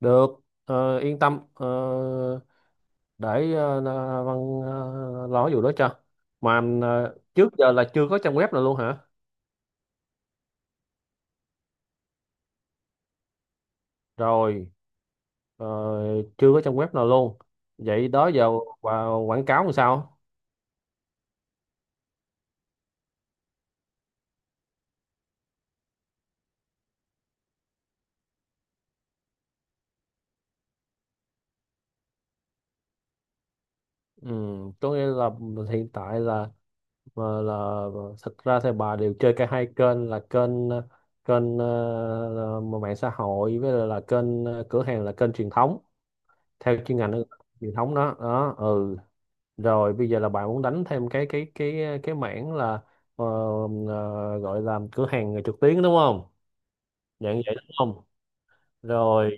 Được, yên tâm. Ờ, để là Văn lo vụ đó cho. Mà trước giờ là chưa có trang web nào luôn hả? Rồi, ờ, chưa có trang web nào luôn. Vậy đó giờ và quảng cáo làm sao? ừ, có nghĩa là hiện tại là, là, là thật ra thì bà đều chơi cả hai kênh, là kênh kênh, là mạng xã hội, với lại là kênh cửa hàng, là kênh truyền thống, theo chuyên ngành truyền thống đó đó. Ừ, rồi bây giờ là bạn muốn đánh thêm cái mảng là, ờ, gọi là cửa hàng trực tuyến đúng không? Dạng vậy đúng không? Rồi,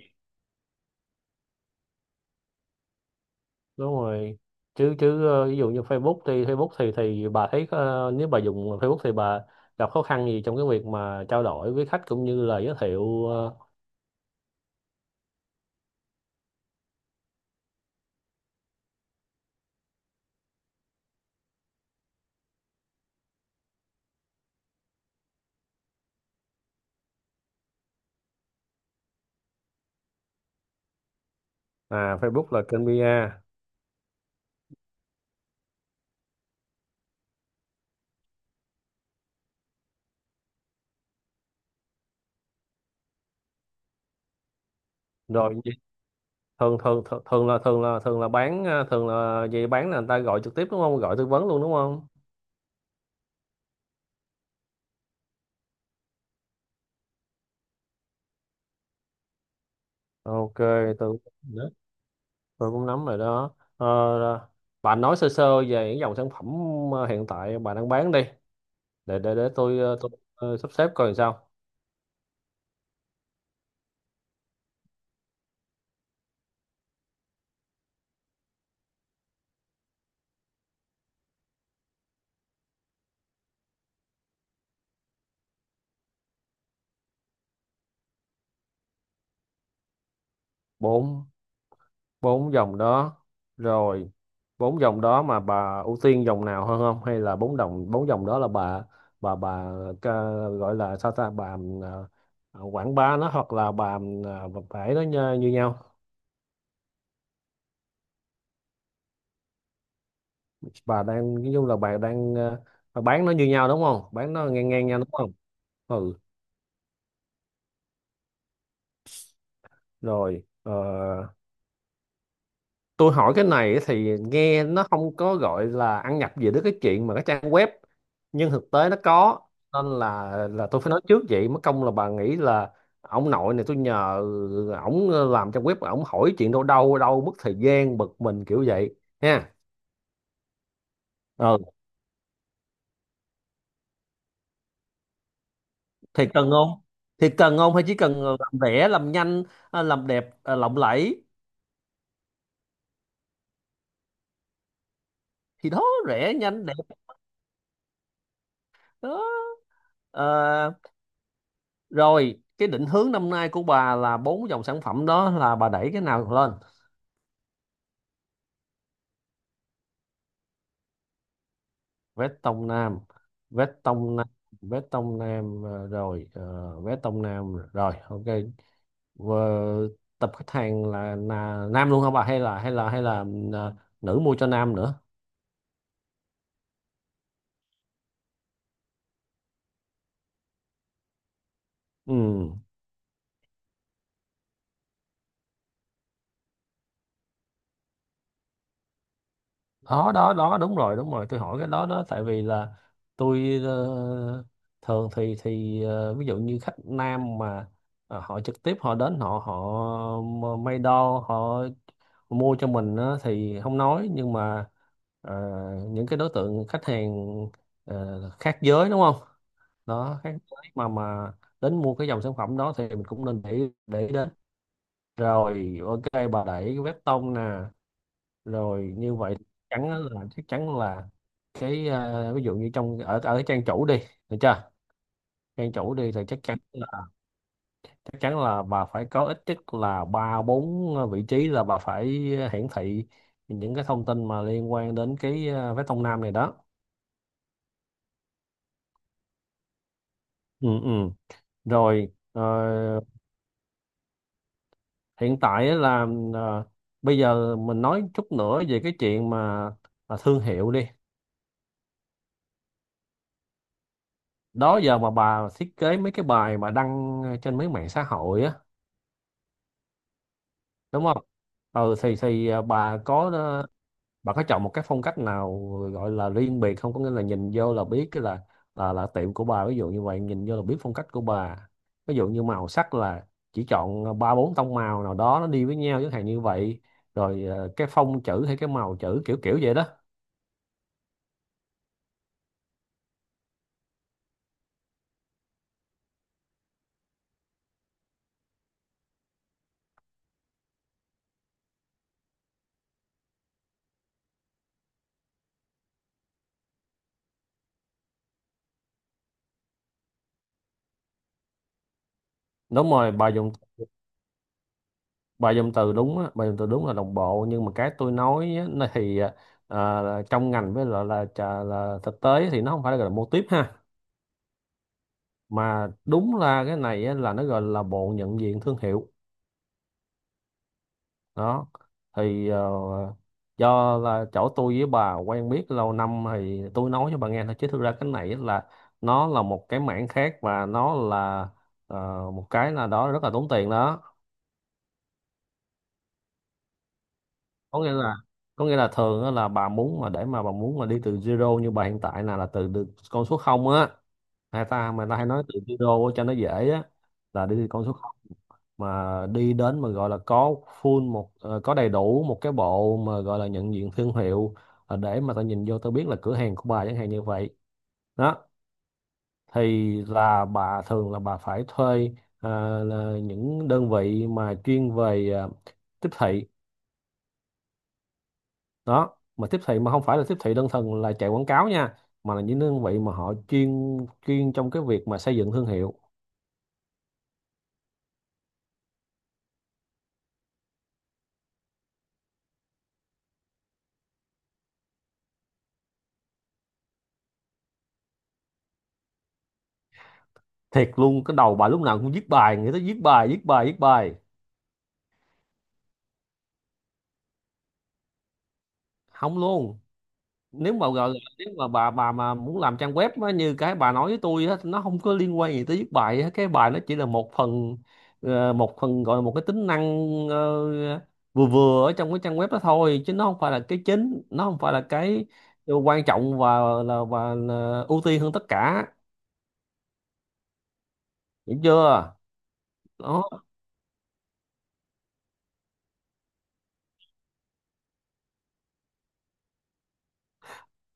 đúng rồi. Chứ chứ ờ, ví dụ như Facebook thì Facebook thì bà thấy, nếu bà dùng Facebook thì bà gặp khó khăn gì trong cái việc mà trao đổi với khách, cũng như là giới thiệu à, Facebook là kênh PR. Rồi gì? Thường thường thường thường là thường là thường là bán, thường là gì, bán là người ta gọi trực tiếp đúng không? Gọi tư vấn luôn đúng không? Ok, tư vấn. Tôi cũng nắm rồi đó. Ờ, bạn nói sơ sơ về những dòng sản phẩm hiện tại bạn đang bán đi, để tôi, tôi sắp xếp coi làm sao. Bốn, bốn dòng đó, rồi bốn dòng đó mà bà ưu tiên dòng nào hơn không, hay là bốn dòng, bốn dòng đó là bà, bà ca- gọi là sao ta, bà, quảng bá nó, hoặc là bà, bà ấy nó như, như nhau. Bà đang nói chung là bà đang, bà bán nó như nhau đúng không, bán nó ngang ngang nhau đúng không? Ừ, rồi, tôi hỏi cái này thì nghe nó không có gọi là ăn nhập gì đến cái chuyện mà cái trang web, nhưng thực tế nó có, nên là tôi phải nói trước, vậy mất công là bà nghĩ là ông nội này tôi nhờ ổng làm trang web, ổng hỏi chuyện đâu đâu đâu, mất thời gian bực mình kiểu vậy ha. Ừ thì cần không, thì cần không, hay chỉ cần làm rẻ làm nhanh, à, làm đẹp, à, lộng lẫy? Thì đó, rẻ nhanh đẹp đó. Ờ, Rồi, cái định hướng năm nay của bà, là bốn dòng sản phẩm đó là bà đẩy cái nào lên? Vét Tông Nam, Vét Tông Nam, Vét Tông Nam rồi, Vét Tông Nam rồi, ok. Ờ, tập khách hàng là nam luôn hả bà, hay là hay là ờ, nữ mua cho nam nữa? Ừ, đó đó đó, đúng rồi đúng rồi, tôi hỏi cái đó đó, tại vì là tôi thường thì ví dụ như khách nam mà họ trực tiếp họ đến, họ họ may đo, họ mua cho mình á thì không nói, nhưng mà ờ, những cái đối tượng khách hàng khác giới đúng không, đó, khác giới mà đến mua cái dòng sản phẩm đó, thì mình cũng nên để ý đến. Rồi, ok, bà đẩy cái vét tông nè, rồi như vậy chắn á là chắc chắn là cái, à, ví dụ như trong ở ở cái trang chủ đi, được chưa? Trang chủ đi thì chắc chắn là bà phải có ít nhất là ba bốn vị trí, là bà phải hiển thị những cái thông tin mà liên quan đến cái, à, vé Đông Nam này đó. Ừ, ừ, rồi, hiện tại á là ờ, bây giờ mình nói chút nữa về cái chuyện mà thương hiệu đi. Đó giờ mà bà thiết kế mấy cái bài mà đăng trên mấy mạng xã hội á, đúng không? Ừ thì bà có bà có chọn một cái phong cách nào gọi là riêng biệt không, có nghĩa là nhìn vô là biết cái là là tiệm của bà, ví dụ như vậy, nhìn vô là biết phong cách của bà. Ví dụ như màu sắc là chỉ chọn ba bốn tông màu nào đó nó đi với nhau chẳng hạn như vậy, rồi cái phông chữ, hay cái màu chữ, kiểu kiểu vậy đó. Đúng rồi, bà dùng từ đúng á, bà dùng từ đúng là đồng bộ, nhưng mà cái tôi nói á, nó thì trong ngành với lại là, thực tế thì nó không phải là, gọi là mô típ ha, mà đúng là cái này á, là nó gọi là bộ nhận diện thương hiệu đó. Thì do là chỗ tôi với bà quen biết lâu năm thì tôi nói cho bà nghe thôi, chứ thực ra cái này á là nó là một cái mảng khác, và nó là ờ, một cái là đó rất là tốn tiền đó. Có nghĩa là có nghĩa là thường á là bà muốn mà, để mà bà muốn mà đi từ zero, như bà hiện tại là từ, từ con số không á, người ta mà ta hay nói từ zero á cho nó dễ á, là đi từ con số mà đi đến mà gọi là có full một, có đầy đủ một cái bộ mà gọi là nhận diện thương hiệu, để mà tao nhìn vô tao biết là cửa hàng của bà, chẳng hạn như vậy đó. Thì là bà thường là bà phải thuê là những đơn vị mà chuyên về tiếp thị đó, mà tiếp thị mà không phải là tiếp thị đơn thuần là chạy quảng cáo nha, mà là những đơn vị mà họ chuyên, chuyên trong cái việc mà xây dựng thương hiệu. Thiệt luôn, cái đầu bà lúc nào cũng viết bài, người ta viết bài viết bài. Không luôn, nếu mà gọi là nếu mà bà mà muốn làm trang web á, như cái bà nói với tôi á, nó không có liên quan gì tới viết bài á. Cái bài nó chỉ là một phần, một phần gọi là một cái tính năng vừa vừa ở trong cái trang web đó thôi, chứ nó không phải là cái chính, nó không phải là cái quan trọng và là ưu tiên hơn tất cả. Hiểu chưa? Đó.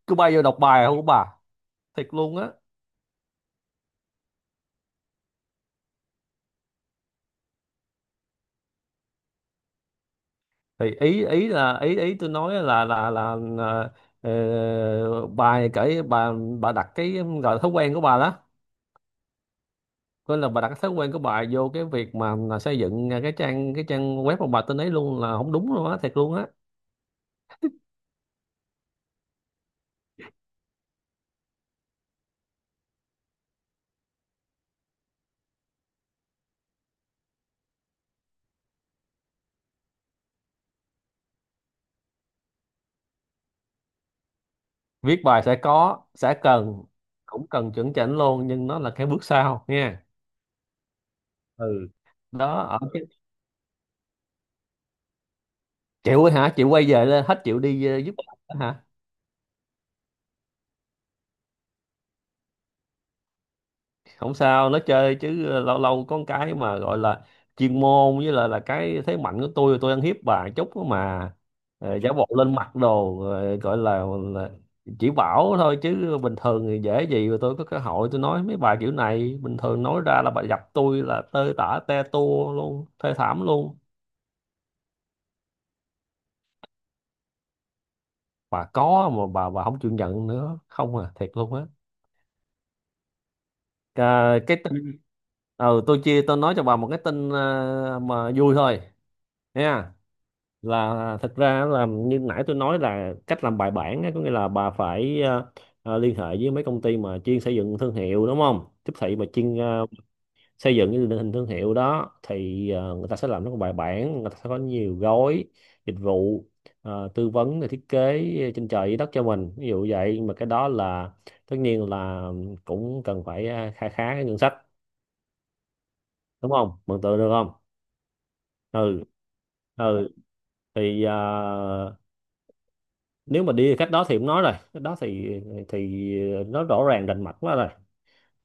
Cứ bay vô đọc bài không bà, thiệt luôn á. Thì ý ý là ý ý tôi nói là bà kể, bà đặt cái gọi là thói quen của bà đó, nên là bà đặt cái thói quen của bà vô cái việc mà xây dựng cái trang, cái trang web của bà tên ấy luôn, là không đúng luôn á, thiệt luôn á. Viết bài sẽ có, sẽ cần, cũng cần chuẩn chỉnh luôn, nhưng nó là cái bước sau nha. Ừ, đó, ở cái, chịu hả, chịu quay về lên hết, chịu đi giúp bà hả? Không sao, nó chơi chứ, lâu lâu có cái mà gọi là chuyên môn với là cái thế mạnh của tôi ăn hiếp bà chút đó mà. Ờ, giả bộ lên mặt đồ, gọi là chỉ bảo thôi, chứ bình thường thì dễ gì mà tôi có cơ hội tôi nói mấy bà kiểu này, bình thường nói ra là bà gặp tôi là tơi tả te tua luôn, thê thảm luôn. Bà có mà, bà không chịu nhận nữa không à, thiệt luôn á. Cái tin, ừ, tôi nói cho bà một cái tin mà vui thôi nha. Là thật ra là như nãy tôi nói là cách làm bài bản á, có nghĩa là bà phải liên hệ với mấy công ty mà chuyên xây dựng thương hiệu đúng không, tiếp thị mà chuyên xây dựng cái định hình thương hiệu đó, thì người ta sẽ làm rất là bài bản, người ta sẽ có nhiều gói dịch vụ tư vấn rồi thiết kế trên trời dưới đất cho mình, ví dụ vậy. Nhưng mà cái đó là tất nhiên là cũng cần phải kha khá cái ngân sách, đúng không, mường tượng được không? Ừ, ừ thì à, nếu mà đi cách đó thì cũng nói rồi, cách đó thì thì nó rõ ràng rành mạch quá rồi.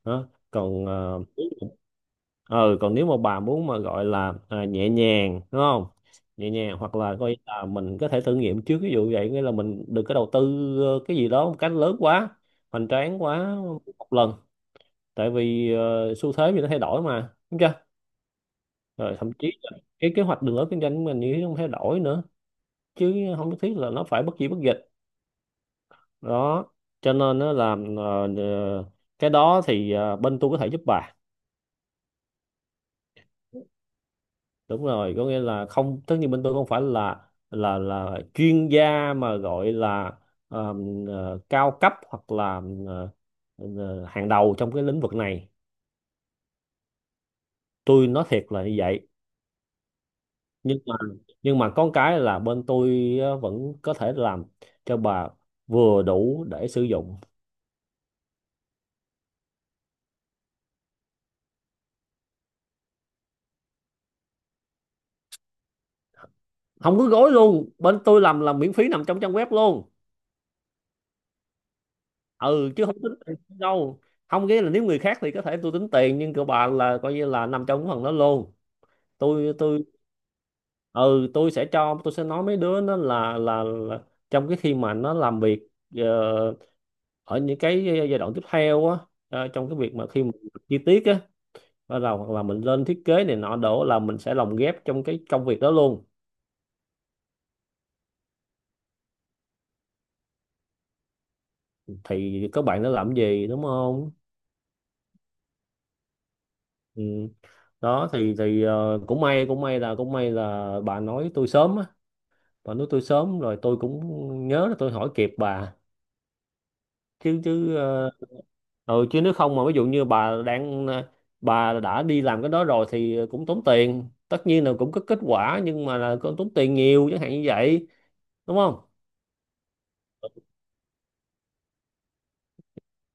Đó, còn ừ, còn nếu mà bà muốn mà gọi là à, nhẹ nhàng đúng không, nhẹ nhàng hoặc là coi là mình có thể thử nghiệm trước, ví dụ vậy, nghĩa là mình đừng có đầu tư cái gì đó một cách lớn quá, hoành tráng quá một lần, tại vì xu thế thì nó thay đổi mà, đúng chưa? Rồi thậm chí là cái kế hoạch đường lối kinh doanh của mình như thế cũng thay đổi nữa, chứ không nhất thiết là nó phải bất gì bất dịch đó, cho nên nó làm cái đó thì bên tôi có thể giúp bà. Đúng rồi, có nghĩa là không, tất nhiên bên tôi không phải là là chuyên gia mà gọi là cao cấp, hoặc là ờ, hàng đầu trong cái lĩnh vực này. Tôi nói thiệt là như vậy, nhưng mà có cái là bên tôi vẫn có thể làm cho bà vừa đủ để sử dụng. Không có gối luôn, bên tôi làm là miễn phí nằm trong trang web luôn. Ừ, chứ không tính tiền đâu, không, nghĩa là nếu người khác thì có thể tôi tính tiền, nhưng của bà là coi như là nằm trong cái phần đó luôn. Tôi ừ, tôi sẽ nói mấy đứa nó là, trong cái khi mà nó làm việc ờ, ở những cái giai đoạn tiếp theo á, trong cái việc mà khi mà chi tiết á, bắt đầu hoặc là mình lên thiết kế này nọ đổ, là mình sẽ lồng ghép trong cái công việc đó luôn. Thì các bạn nó làm gì, đúng không? Ừ, đó thì cũng may, cũng may là bà nói tôi sớm á, bà nói tôi sớm rồi tôi cũng nhớ là tôi hỏi kịp bà, chứ chứ ờ, ừ, chứ nếu không mà ví dụ như bà đang bà đã đi làm cái đó rồi thì cũng tốn tiền, tất nhiên là cũng có kết quả, nhưng mà là cũng tốn tiền nhiều, chẳng hạn như vậy. Đúng không?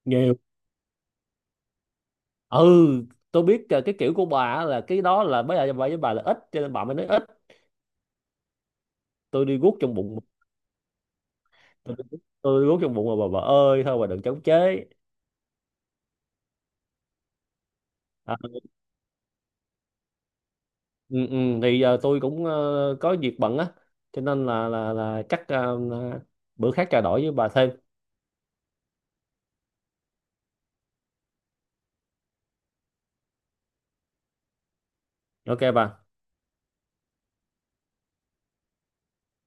Nhiều. Ừ, tôi biết cái kiểu của bà á, là cái đó là bây giờ bà với bà là ít, cho nên bà mới nói ít, tôi đi guốc trong bụng. Tôi đi guốc trong bụng mà, bà ơi, thôi bà đừng chống chế. À, ừ, ừ, thì giờ tôi cũng có việc bận á, cho nên là chắc bữa khác trao đổi với bà thêm. Ok bà.